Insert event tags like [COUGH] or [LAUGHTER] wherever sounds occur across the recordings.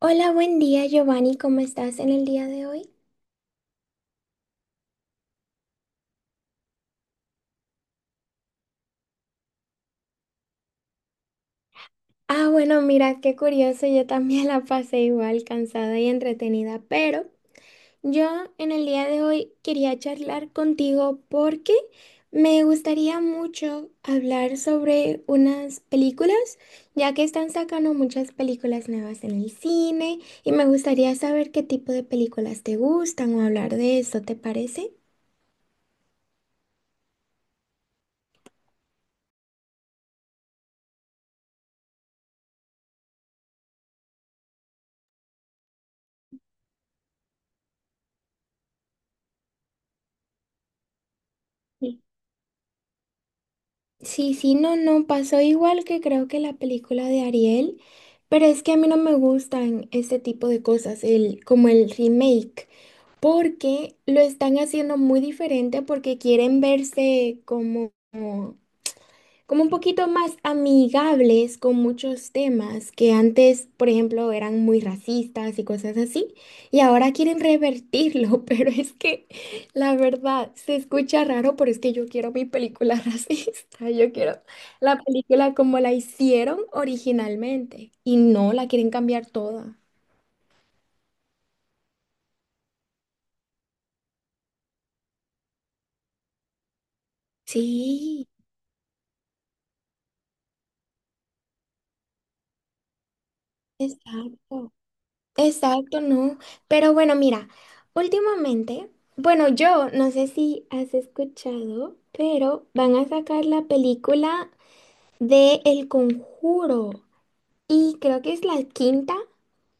Hola, buen día Giovanni, ¿cómo estás en el día de hoy? Ah, bueno, mira, qué curioso, yo también la pasé igual, cansada y entretenida, pero yo en el día de hoy quería charlar contigo porque me gustaría mucho hablar sobre unas películas, ya que están sacando muchas películas nuevas en el cine y me gustaría saber qué tipo de películas te gustan o hablar de eso, ¿te parece? Sí, sí, no, no, pasó igual que creo que la película de Ariel, pero es que a mí no me gustan este tipo de cosas, el, como el remake, porque lo están haciendo muy diferente porque quieren verse como un poquito más amigables con muchos temas que antes, por ejemplo, eran muy racistas y cosas así, y ahora quieren revertirlo, [LAUGHS] pero es que la verdad se escucha raro, pero es que yo quiero mi película [LAUGHS] racista, yo quiero la película como la hicieron originalmente y no la quieren cambiar toda. Sí, exacto. Exacto, no. Pero bueno, mira, últimamente, bueno, yo no sé si has escuchado, pero van a sacar la película de El Conjuro. Y creo que es la quinta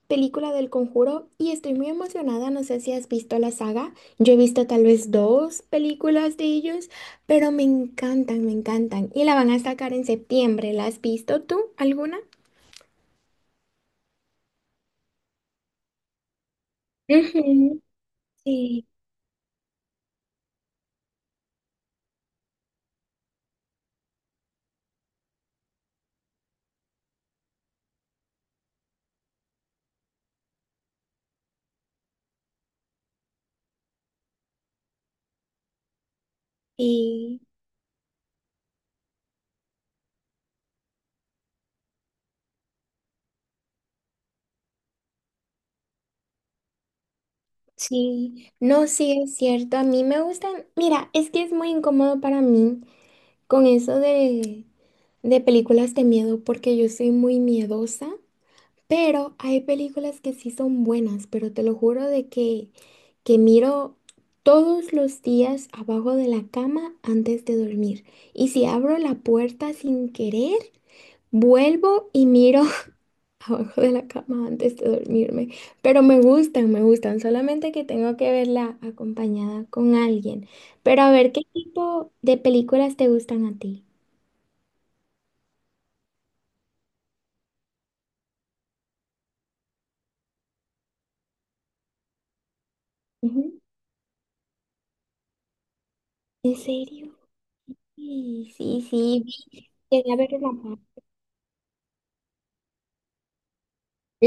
película del Conjuro y estoy muy emocionada. No sé si has visto la saga. Yo he visto tal vez dos películas de ellos, pero me encantan, me encantan. Y la van a sacar en septiembre. ¿La has visto tú alguna? Ujú. Sí, sí. Sí, no, sí es cierto. A mí me gustan. Mira, es que es muy incómodo para mí con eso de, películas de miedo, porque yo soy muy miedosa, pero hay películas que sí son buenas, pero te lo juro de que, miro todos los días abajo de la cama antes de dormir. Y si abro la puerta sin querer, vuelvo y miro [LAUGHS] abajo de la cama antes de dormirme, pero me gustan, solamente que tengo que verla acompañada con alguien. Pero a ver, ¿qué tipo de películas te gustan a ti? Ujú. ¿En serio? Sí, sí, sí, llegué a ver una parte.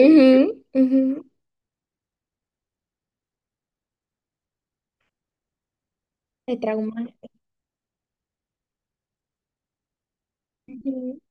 Ujú, ujú. Te traumas. Ujú.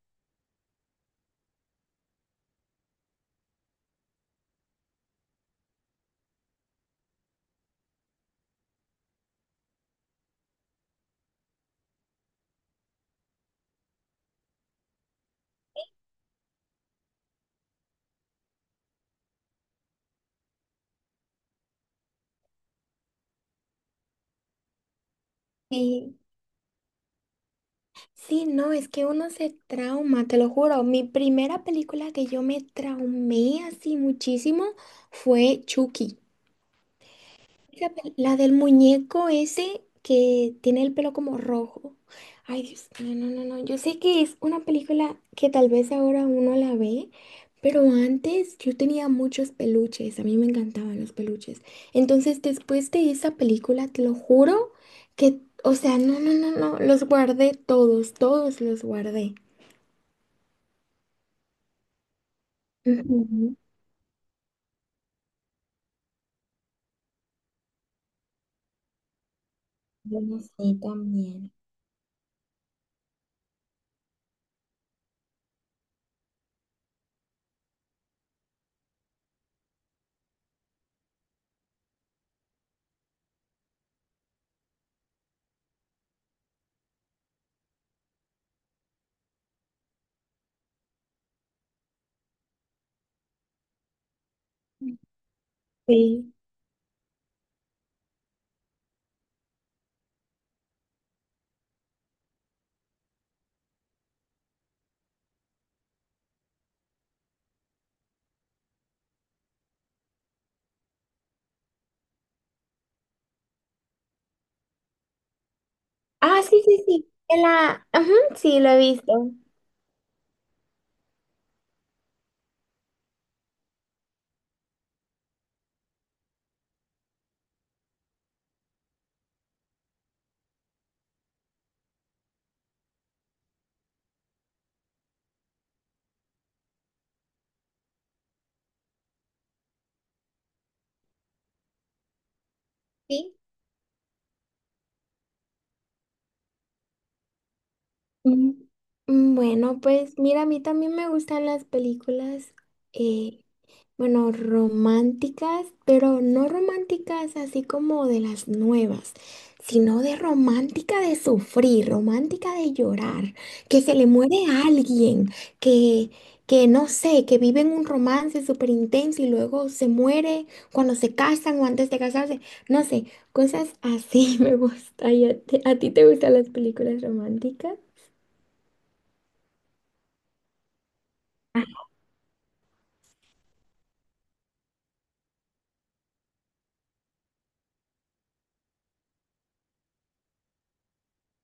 Sí. Sí, no, es que uno se trauma, te lo juro. Mi primera película que yo me traumé así muchísimo fue Chucky. La, la del muñeco ese que tiene el pelo como rojo. Ay, Dios, no, no, no, no. Yo sé que es una película que tal vez ahora uno la ve, pero antes yo tenía muchos peluches. A mí me encantaban los peluches. Entonces, después de esa película, te lo juro que, o sea, no, no, no, no. Los guardé todos, todos los guardé. Ujú. Yo no sé también. Sí. Ah, sí, sí, sí. En la... Ajá, sí, lo he visto. Sí. Mm, mm, bueno, pues mira, a mí también me gustan las películas, eh, bueno, románticas, pero no románticas así como de las nuevas, sino de romántica de sufrir, romántica de llorar, que se le muere a alguien, que, no sé, que viven un romance súper intenso y luego se muere cuando se casan o antes de casarse, no sé, cosas así [LAUGHS] me gusta. ¿Y a ti te gustan las películas románticas?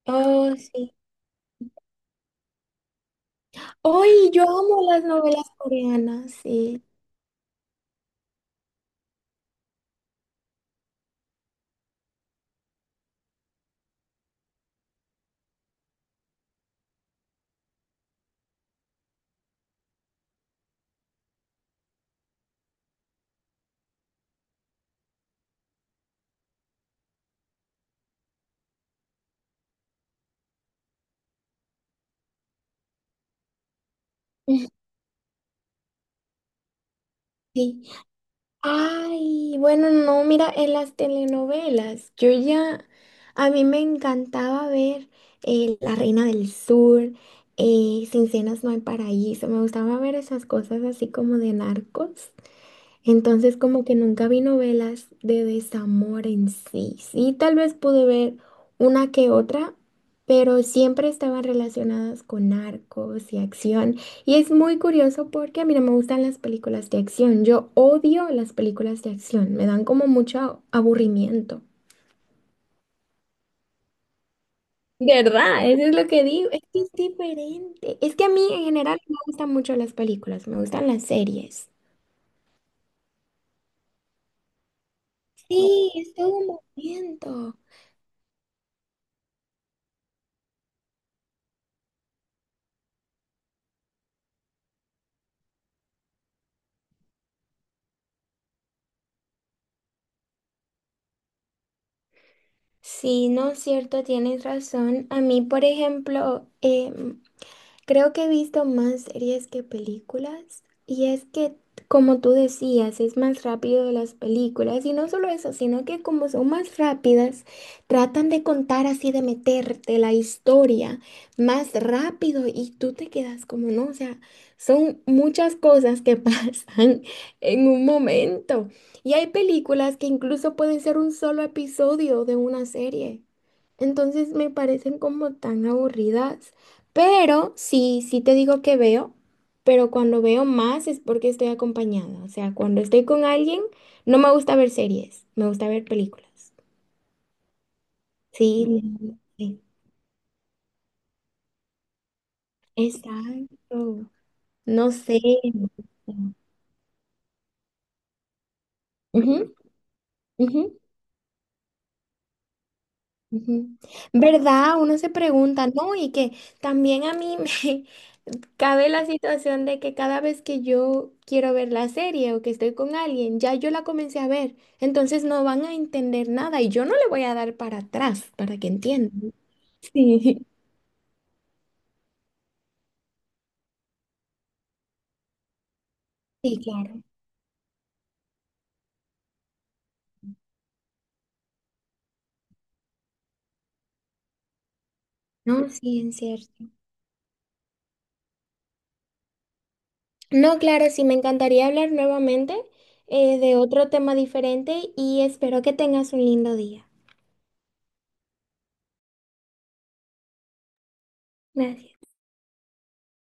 Oh, sí. Hoy yo amo las novelas coreanas, sí. Ujú. Sí. Ay, bueno, no, mira, en las telenovelas, yo ya, a mí me encantaba ver La Reina del Sur, Sin Cenas No hay Paraíso, me gustaba ver esas cosas así como de narcos. Entonces como que nunca vi novelas de desamor en sí. Sí, tal vez pude ver una que otra, pero siempre estaban relacionadas con narcos y acción. Y es muy curioso porque a mí no me gustan las películas de acción. Yo odio las películas de acción. Me dan como mucho aburrimiento. ¿Verdad? Eso es lo que digo. Es que es diferente. Es que a mí en general no me gustan mucho las películas, me gustan las series. Sí, es todo un movimiento. Sí, no es cierto, tienes razón. A mí, por ejemplo, creo que he visto más series que películas y es que, como tú decías, es más rápido de las películas y no solo eso, sino que como son más rápidas, tratan de contar así, de meterte la historia más rápido y tú te quedas como no, o sea, son muchas cosas que [LAUGHS] pasan en un momento y hay películas que incluso pueden ser un solo episodio de una serie, entonces me parecen como tan aburridas. Pero sí, sí te digo que veo, pero cuando veo más es porque estoy acompañada. O sea, cuando estoy con alguien, no me gusta ver series, me gusta ver películas. Sí, mm, sí, exacto. No sé. Ujú, ujú. Ujú. ¿Verdad? Uno se pregunta, ¿no? Y que también a mí me [LAUGHS] cabe la situación de que cada vez que yo quiero ver la serie o que estoy con alguien, ya yo la comencé a ver, entonces no van a entender nada y yo no le voy a dar para atrás para que entiendan. Sí. [LAUGHS] Sí, claro. No, sí, es cierto. No, claro, sí, me encantaría hablar nuevamente de otro tema diferente y espero que tengas un lindo día. Gracias.